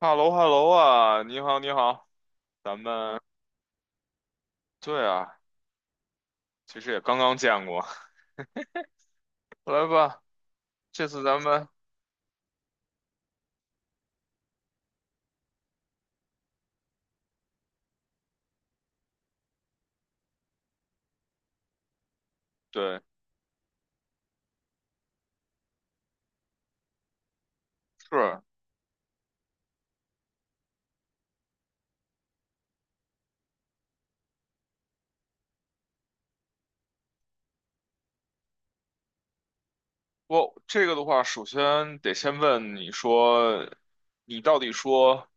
哈喽哈喽啊，你好你好，咱们对啊，其实也刚刚见过。来吧。这次咱们对。是我这个的话，首先得先问你说，你到底说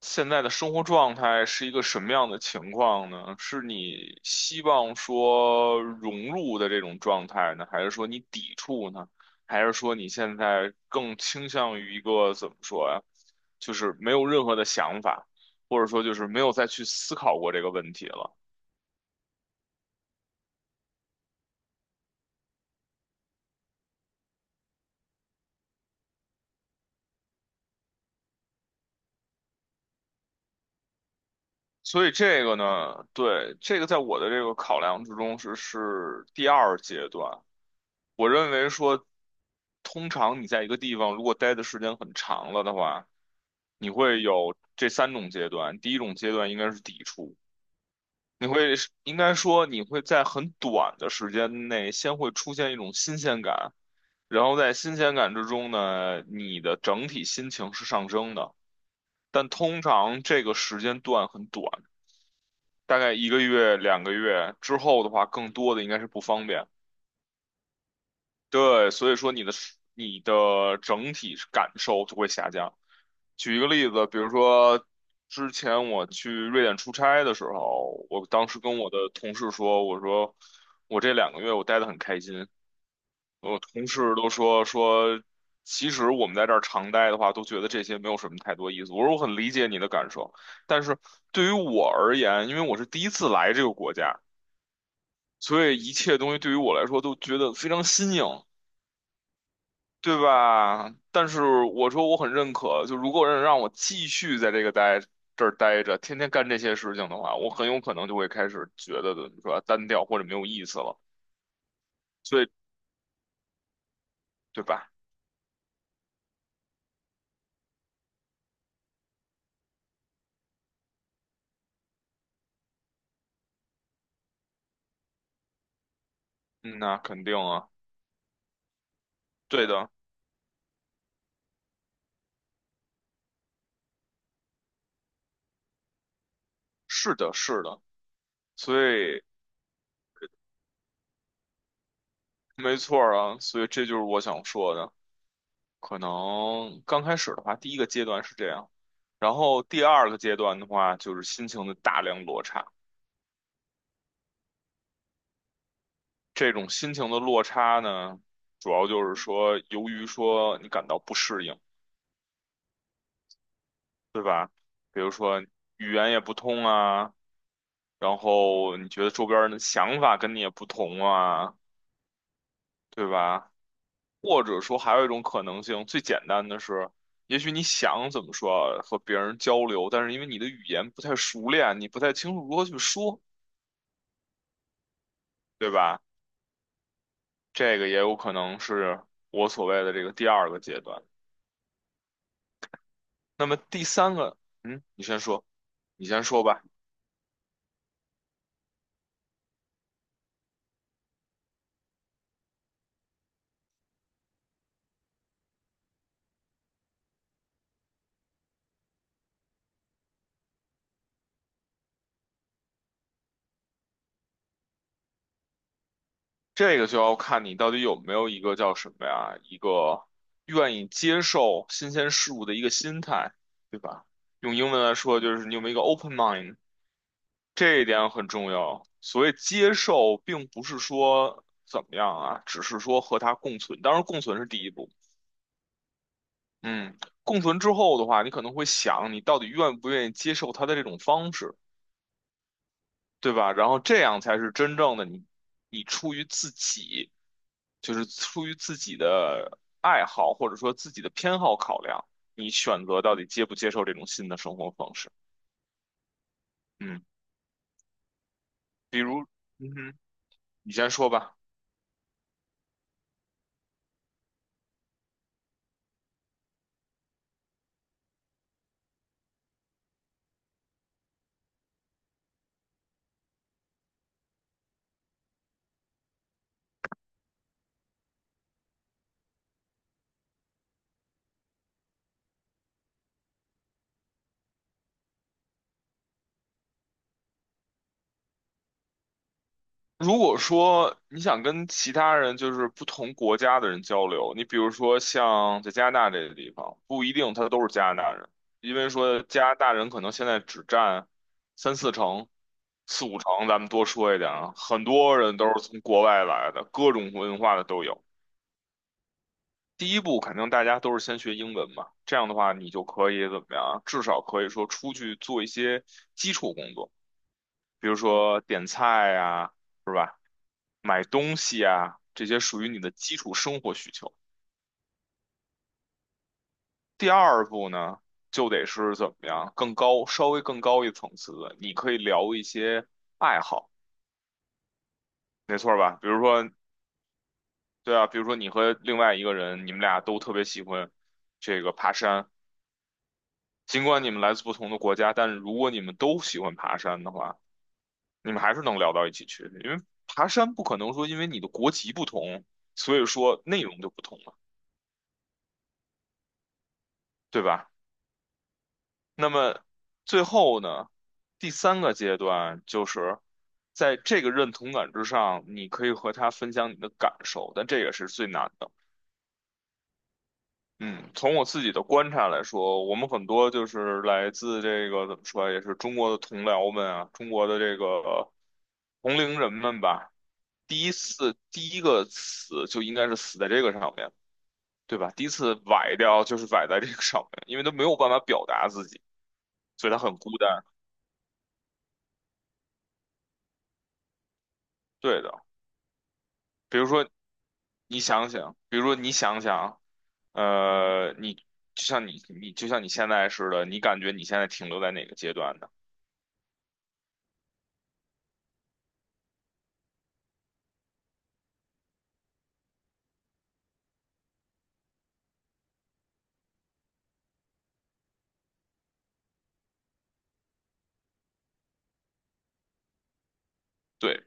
现在的生活状态是一个什么样的情况呢？是你希望说融入的这种状态呢，还是说你抵触呢？还是说你现在更倾向于一个怎么说呀？就是没有任何的想法，或者说就是没有再去思考过这个问题了。所以这个呢，对，这个在我的这个考量之中是第二阶段。我认为说，通常你在一个地方如果待的时间很长了的话，你会有这3种阶段。第一种阶段应该是抵触，你会应该说你会在很短的时间内先会出现一种新鲜感，然后在新鲜感之中呢，你的整体心情是上升的。但通常这个时间段很短，大概一个月、两个月之后的话，更多的应该是不方便。对，所以说你的整体感受就会下降。举一个例子，比如说之前我去瑞典出差的时候，我当时跟我的同事说，我说我这两个月我待得很开心，我同事都说，其实我们在这儿常待的话，都觉得这些没有什么太多意思。我说我很理解你的感受，但是对于我而言，因为我是第一次来这个国家，所以一切东西对于我来说都觉得非常新颖。对吧？但是我说我很认可，就如果让我继续在这个待这儿待着，天天干这些事情的话，我很有可能就会开始觉得的是吧，单调或者没有意思了。所以，对吧？嗯，那肯定啊，对的，是的，是的。所以，没错儿啊，所以这就是我想说的。可能刚开始的话，第一个阶段是这样，然后第二个阶段的话，就是心情的大量落差。这种心情的落差呢，主要就是说，由于说你感到不适应，比如说语言也不通啊，然后你觉得周边人的想法跟你也不同啊，对吧？或者说还有一种可能性，最简单的是，也许你想怎么说和别人交流，但是因为你的语言不太熟练，你不太清楚如何去说，对吧？这个也有可能是我所谓的这个第二个阶段。那么第三个，嗯，你先说吧。这个就要看你到底有没有一个叫什么呀，一个愿意接受新鲜事物的一个心态，对吧？用英文来说，就是你有没有一个 open mind,这一点很重要。所谓接受，并不是说怎么样啊，只是说和它共存。当然，共存是第一步。嗯，共存之后的话，你可能会想，你到底愿不愿意接受它的这种方式？对吧？然后这样才是真正的你，你出于自己，就是出于自己的爱好或者说自己的偏好考量，你选择到底接不接受这种新的生活方式。嗯，比如，嗯哼，你先说吧。如果说你想跟其他人，就是不同国家的人交流，你比如说像在加拿大这个地方，不一定他都是加拿大人，因为说加拿大人可能现在只占三四成、四五成，咱们多说一点啊，很多人都是从国外来的，各种文化的都有。第一步肯定大家都是先学英文嘛，这样的话你就可以怎么样啊至少可以说出去做一些基础工作，比如说点菜呀、是吧？买东西啊，这些属于你的基础生活需求。第二步呢，就得是怎么样，更高，稍微更高一层次的，你可以聊一些爱好，没错吧？比如说，对啊，比如说你和另外一个人，你们俩都特别喜欢这个爬山，尽管你们来自不同的国家，但是如果你们都喜欢爬山的话，你们还是能聊到一起去，因为爬山不可能说因为你的国籍不同，所以说内容就不同了，对吧？那么最后呢，第三个阶段就是在这个认同感之上，你可以和他分享你的感受，但这也是最难的。嗯，从我自己的观察来说，我们很多就是来自这个怎么说啊，也是中国的同僚们啊，中国的这个同龄人们吧。第一个死就应该是死在这个上面，对吧？第一次崴掉就是崴在这个上面，因为他没有办法表达自己，所以他很孤单。对的，比如说比如说你想想，呃，你就像你你就像你现在似的，你感觉你现在停留在哪个阶段呢？对，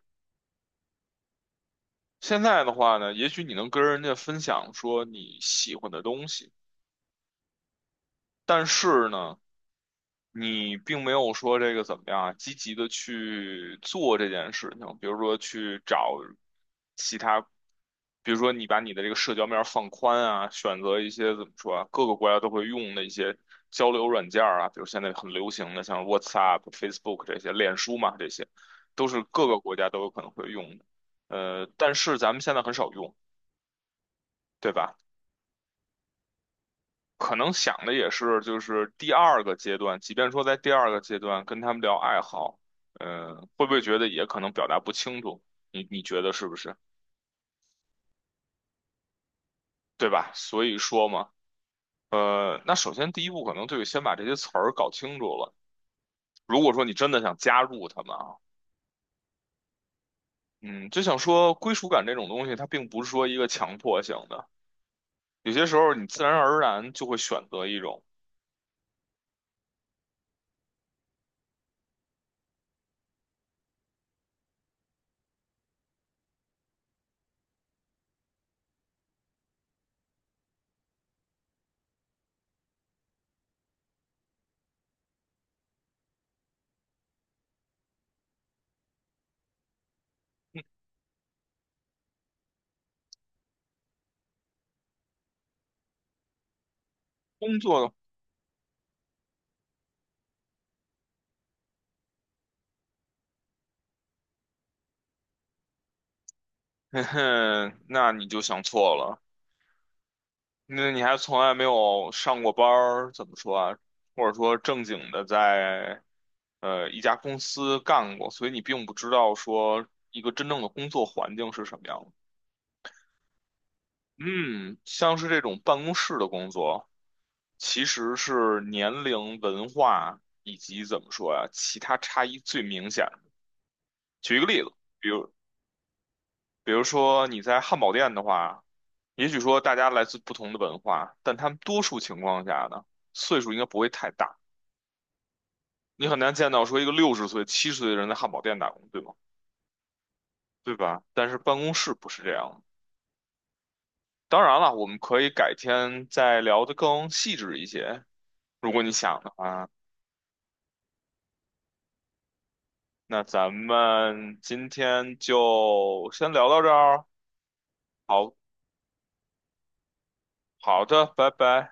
现在的话呢，也许你能跟人家分享说你喜欢的东西，但是呢。你并没有说这个怎么样啊，积极的去做这件事情，比如说去找其他，比如说你把你的这个社交面儿放宽啊，选择一些怎么说啊，各个国家都会用的一些交流软件儿啊，比如现在很流行的像 WhatsApp、Facebook 这些，脸书嘛，这些都是各个国家都有可能会用的，但是咱们现在很少用，对吧？可能想的也是，就是第二个阶段，即便说在第二个阶段跟他们聊爱好，嗯，会不会觉得也可能表达不清楚？你觉得是不是？对吧？所以说嘛，那首先第一步可能就得先把这些词儿搞清楚了。如果说你真的想加入他们啊，嗯，就想说归属感这种东西，它并不是说一个强迫性的，有些时候你自然而然就会选择一种工作，嘿嘿，那你就想错了。那你还从来没有上过班儿，怎么说啊？或者说正经的在一家公司干过，所以你并不知道说一个真正的工作环境是什么样的。嗯，像是这种办公室的工作，其实是年龄、文化以及怎么说呀、其他差异最明显。举一个例子，比如比如说你在汉堡店的话，也许说大家来自不同的文化，但他们多数情况下呢，岁数应该不会太大。你很难见到说一个60岁、70岁的人在汉堡店打工，对吗？对吧？但是办公室不是这样的。当然了，我们可以改天再聊得更细致一些，如果你想的话。那咱们今天就先聊到这儿哦。好,好的。拜拜。